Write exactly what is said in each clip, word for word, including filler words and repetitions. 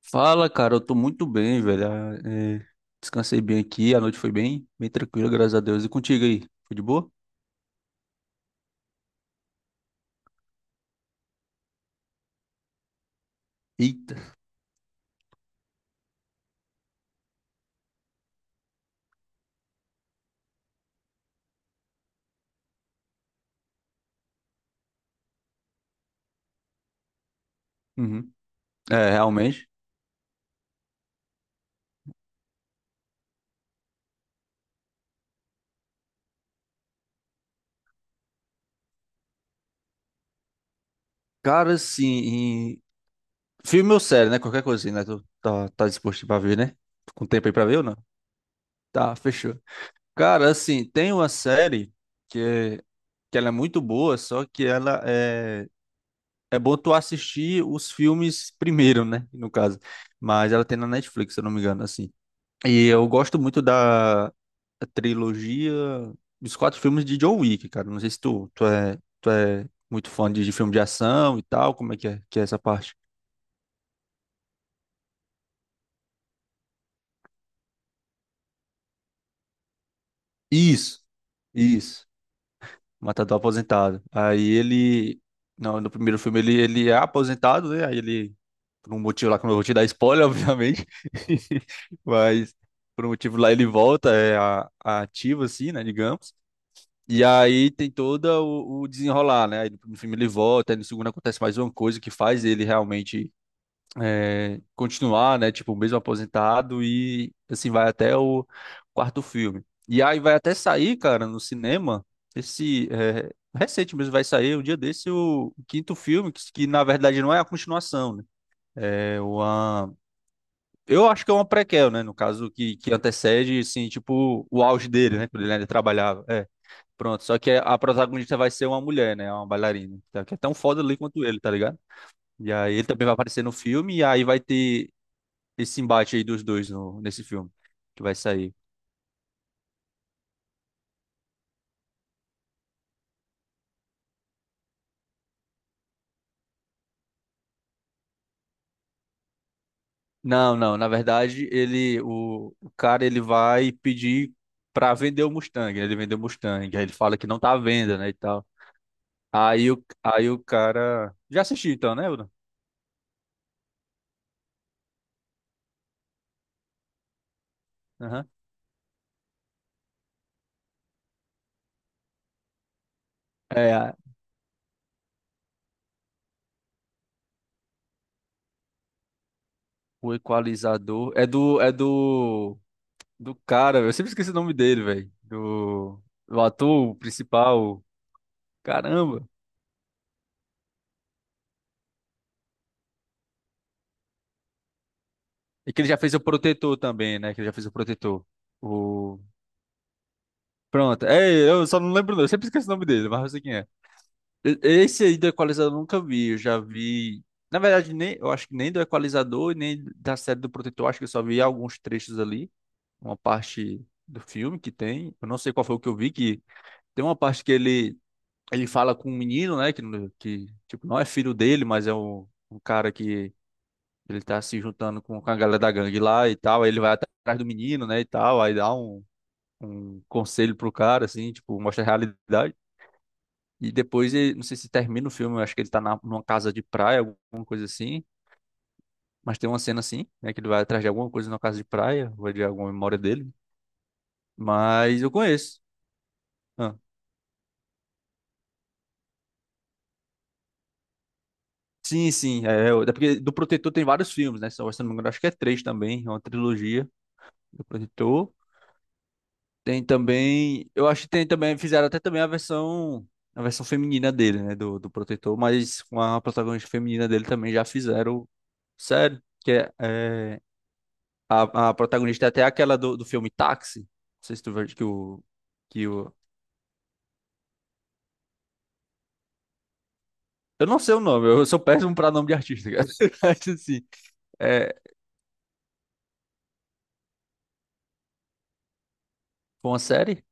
Fala, cara, eu tô muito bem, velho. Ah, é, descansei bem aqui, a noite foi bem, bem tranquila, graças a Deus. E contigo aí? Foi de boa? Eita. Uhum. É, realmente. Cara, assim, em- filme ou série, né? Qualquer coisinha, né? Tu tá, tá disposto pra ver, né? Tô Com tempo aí pra ver ou não? Tá, fechou. Cara, assim, tem uma série que, é- que ela é muito boa, só que ela é. É bom tu assistir os filmes primeiro, né? No caso. Mas ela tem na Netflix, se eu não me engano, assim. E eu gosto muito da trilogia dos quatro filmes de John Wick, cara. Não sei se tu, tu é, tu é muito fã de, de filme de ação e tal. Como é que é, que é essa parte? Isso, isso. Matador aposentado. Aí ele. Não, no primeiro filme ele, ele é aposentado, né? Aí ele. Por um motivo lá que eu não vou te dar spoiler, obviamente. Mas por um motivo lá ele volta, é a, a ativo, assim, né? Digamos. E aí tem todo o, o desenrolar, né? Aí no primeiro filme ele volta, aí no segundo acontece mais uma coisa que faz ele realmente é, continuar, né? Tipo, mesmo aposentado e assim vai até o quarto filme. E aí vai até sair, cara, no cinema, esse é, recente mesmo vai sair, um dia desse, o quinto filme, que, que na verdade não é a continuação, né? É uma... Eu acho que é uma prequel, né? No caso, que, que antecede, assim, tipo, o auge dele, né? Quando ele ainda trabalhava. É. Pronto, só que a protagonista vai ser uma mulher, né? Uma bailarina, tá? Que é tão foda ali quanto ele, tá ligado? E aí ele também vai aparecer no filme, e aí vai ter esse embate aí dos dois no, nesse filme que vai sair. Não, não, na verdade, ele, o, o cara, ele vai pedir pra vender o Mustang, né? Ele vendeu o Mustang, aí ele fala que não tá à venda, né, e tal. Aí o, aí o cara... Já assisti então, né, Bruno? Aham. É, o Equalizador. É do, é do Do cara, velho. Eu sempre esqueci o nome dele, velho. Do, do ator principal. Caramba. E que ele já fez o Protetor também, né? Que ele já fez o Protetor. O... Pronto. É, eu só não lembro, não. Eu sempre esqueço o nome dele, mas eu sei quem é. E- Esse aí do Equalizador eu nunca vi. Eu já vi. Na verdade, nem, eu acho que nem do Equalizador e nem da série do Protetor. Acho que eu só vi alguns trechos ali. Uma parte do filme que tem. Eu não sei qual foi o que eu vi, que tem uma parte que ele ele fala com um menino, né, que, não- que tipo, não é filho dele, mas é um, um cara que ele tá se juntando com, com a galera da gangue lá e tal, aí ele vai atrás do menino, né, e tal, aí dá um, um conselho pro cara, assim, tipo, mostra a realidade. E depois, ele- não sei se termina o filme, eu acho que ele tá na, numa casa de praia, alguma coisa assim, mas tem uma cena assim, né, que ele vai atrás de alguma coisa numa casa de praia, ou de alguma memória dele, mas eu conheço. Ah, sim, sim, é, é é porque do Protetor tem vários filmes, né? Se eu não me engano, acho que é três também, é uma trilogia. Depositou. Tem também, eu acho que tem também, fizeram até também a versão, a versão feminina dele, né, do, do Protetor, mas com a protagonista feminina dele também já fizeram sério, que é, é, a, a protagonista é até aquela do, do filme Táxi, não sei se tu viu que o, que o, eu não sei o nome, eu sou péssimo pra nome de artista, cara, mas assim, é, foi uma série.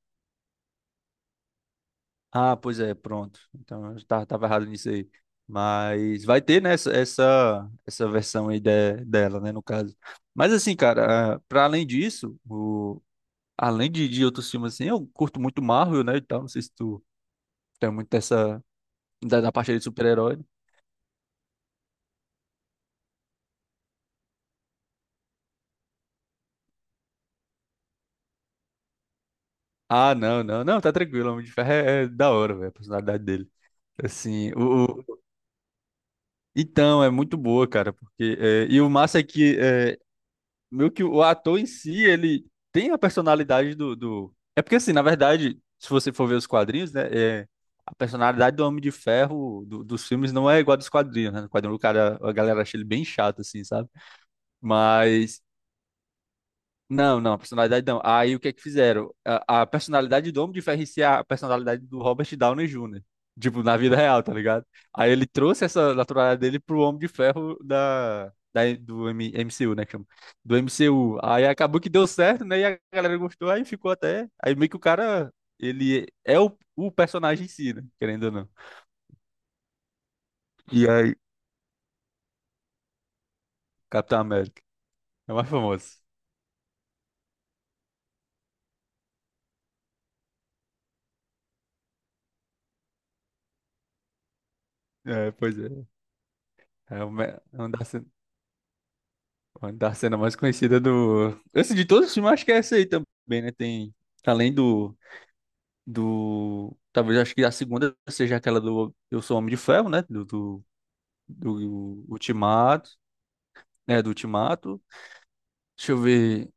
Ah, pois é, pronto. Então eu tava, tava errado nisso aí. Mas vai ter, né, essa, essa essa versão aí de- dela, né, no caso. Mas assim, cara, ah, pra além disso, o, além de, de outros filmes assim, eu curto muito Marvel, né, e tal. Não sei se tu tem muito essa da, da parte aí de super-herói. Ah, não, não, não, tá tranquilo. Homem de Ferro é, é da hora, velho, a personalidade dele. Assim, o, o- então, é muito boa, cara, porque... É, e o massa é que... É, meio que o ator em si, ele tem a personalidade do, do... É porque, assim, na verdade, se você for ver os quadrinhos, né, é, a personalidade do Homem de Ferro do- dos filmes não é igual a dos quadrinhos, né? No quadrinho, o cara, a galera acha ele bem chato, assim, sabe? Mas não, não, a personalidade não. Aí o que é que fizeram? A, a personalidade do Homem de Ferro em si é a personalidade do Robert Downey júnior Tipo, na vida real, tá ligado? Aí ele trouxe essa naturalidade dele pro Homem de Ferro da, da- do M- MCU, né? Que chama? Do M C U. Aí acabou que deu certo, né? E a galera gostou, aí ficou até. Aí meio que o cara, ele é o, o personagem em si, né? Querendo ou não. E aí? Capitão América. É o mais famoso. É, pois é. É, uma, é um das. Uma da cena mais conhecida do. Assim, de todos os filmes, acho que é essa aí também, né? Tem. Além do. Do. Talvez acho que a segunda seja aquela do Eu Sou Homem de Ferro, né? Do. Do, do Ultimato. É, do Ultimato. Deixa eu ver.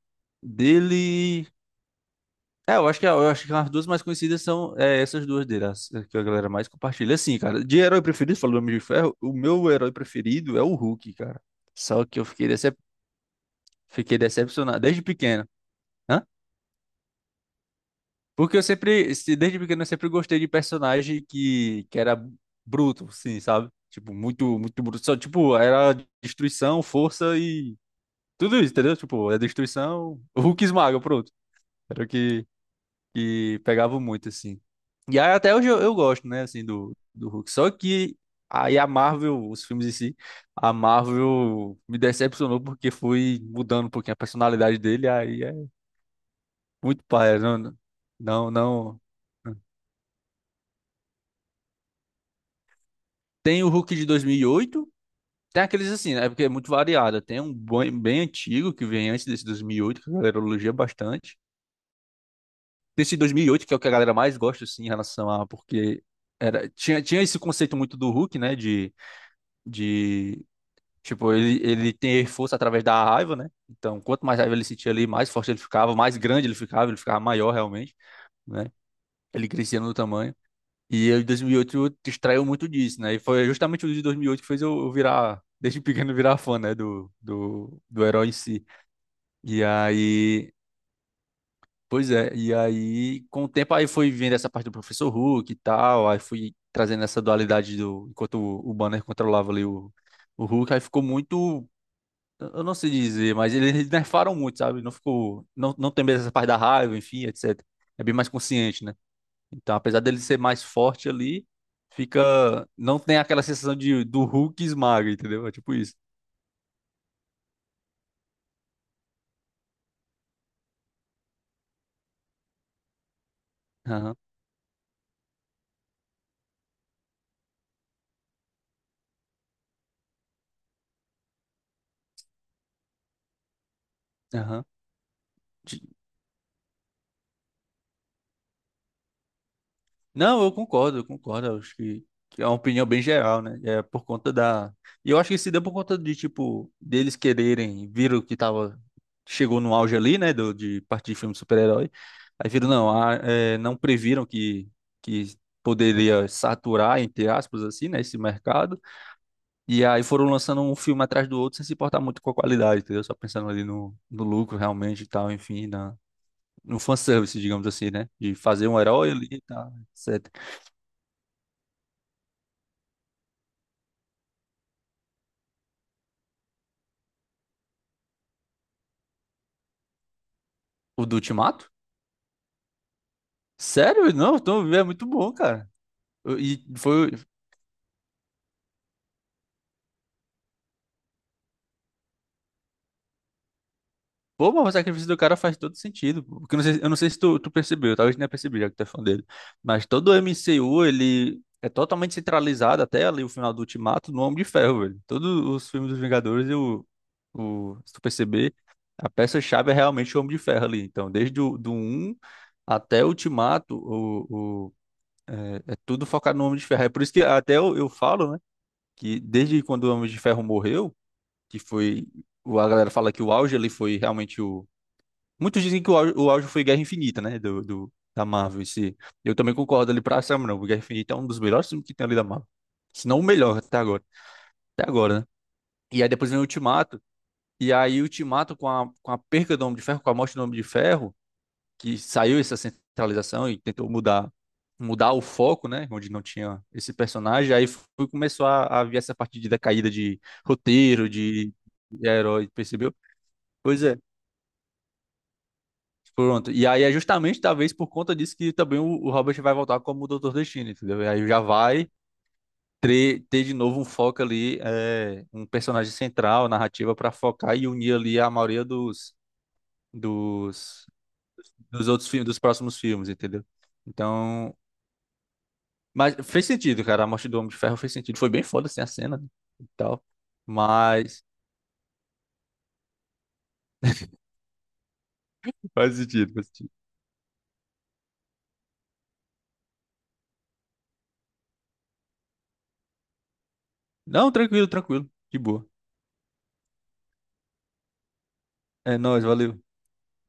Dele. É, eu acho que, eu acho que as duas mais conhecidas são é, essas duas dele, as que a galera mais compartilha. Assim, cara, de herói preferido, falando do Homem de Ferro, o meu herói preferido é o Hulk, cara. Só que eu fiquei, decep... Fiquei decepcionado desde pequeno. Hã? Porque eu sempre, se- desde pequeno, eu sempre gostei de personagem que, que era bruto, sim, sabe? Tipo, muito, muito bruto. Só, tipo, era destruição, força e tudo isso, entendeu? Tipo, é destruição, o Hulk esmaga, pronto. Era o que, que pegava muito, assim. E aí até hoje eu, eu gosto, né, assim, do, do Hulk. Só que aí a Marvel, os filmes em si, a Marvel me decepcionou porque foi mudando um pouquinho a personalidade dele, aí é muito paia, não, não, não. Tem o Hulk de dois mil e oito. Tem aqueles assim, né? Porque é muito variada. Tem um bem, bem antigo que vem antes desse dois mil e oito que a galera elogia bastante. Tem esse dois mil e oito que é o que a galera mais gosta, assim, em relação a... Porque era, tinha, tinha esse conceito muito do Hulk, né? De, de tipo, ele, ele ter força através da raiva, né? Então, quanto mais raiva ele sentia ali, mais forte ele ficava, mais grande ele ficava, ele ficava maior realmente, né? Ele crescia no tamanho. E eu, em dois mil e oito extraiu muito disso, né? E foi justamente o de dois mil e oito que fez eu eu virar, desde pequeno, virar fã, né? Do, do, do herói em si. E aí, pois é, e aí, com o tempo, aí fui vendo essa parte do Professor Hulk e tal, aí fui trazendo essa dualidade do, enquanto o, o Banner controlava ali o, o Hulk, aí ficou muito, eu não sei dizer, mas eles nerfaram muito, sabe? Não ficou, não, não tem mais essa parte da raiva, enfim, etcétera. É bem mais consciente, né? Então, apesar dele ser mais forte ali, fica. Não tem aquela sensação de do Hulk esmaga, entendeu? É tipo isso. Aham, aham. De- Não, eu concordo, eu concordo. Eu Acho que, que é uma opinião bem geral, né? É por conta da. E eu acho que se deu por conta de, tipo, deles quererem, viram que tava. Chegou no auge ali, né? Do, de partir de filme de super-herói. Aí viram, não, ah, é, não previram que, que poderia saturar, entre aspas, assim, né? Esse mercado. E aí foram lançando um filme atrás do outro sem se importar muito com a qualidade, entendeu? Só pensando ali no, no lucro realmente e tal, enfim, na, no fanservice, digamos assim, né? De fazer um herói ali e tal, etcétera. O do Ultimato? Sério? Não, então é muito bom, cara. Eu- E foi. Pô, mas o sacrifício do cara faz todo sentido. Pô. Porque eu não sei, eu não sei se tu, tu percebeu, talvez nem percebi, já que tu é fã dele. Mas todo o M C U, ele é totalmente centralizado até ali o final do Ultimato no Homem de Ferro, velho. Todos os filmes dos Vingadores, eu, o, se tu perceber, a peça-chave é realmente o Homem de Ferro ali. Então, desde o do um até o Ultimato, o, o, é, é tudo focado no Homem de Ferro. É por isso que até eu, eu falo, né, que desde quando o Homem de Ferro morreu, que foi. o- A galera fala que o auge ali foi realmente. Muitos dizem que o auge, o auge foi Guerra Infinita, né? Do, do- da Marvel. Esse, eu também concordo ali pra Sam, não. O Guerra Infinita é um dos melhores filmes que tem ali da Marvel. Se não o melhor até agora. Até agora, né? E aí depois vem o Ultimato. E aí o Ultimato com a, com a perca do Homem de Ferro, com a morte do Homem de Ferro, que saiu essa centralização e tentou mudar mudar o foco, né? Onde não tinha esse personagem. Aí foi, começou a, a vir essa parte de decaída de roteiro, de, de herói, percebeu? Pois é. Pronto. E aí é justamente talvez por conta disso que também o, o Robert vai voltar como o Doutor Destino, entendeu? E aí já vai ter, ter de novo um foco ali, é, um personagem central, narrativa para focar e unir ali a maioria dos, dos, dos outros filmes, dos próximos filmes, entendeu? Então, mas fez sentido, cara. A morte do Homem de Ferro fez sentido. Foi bem foda assim a cena né, e tal. Mas faz sentido, faz sentido. Não, tranquilo, tranquilo. De boa. É nóis, valeu.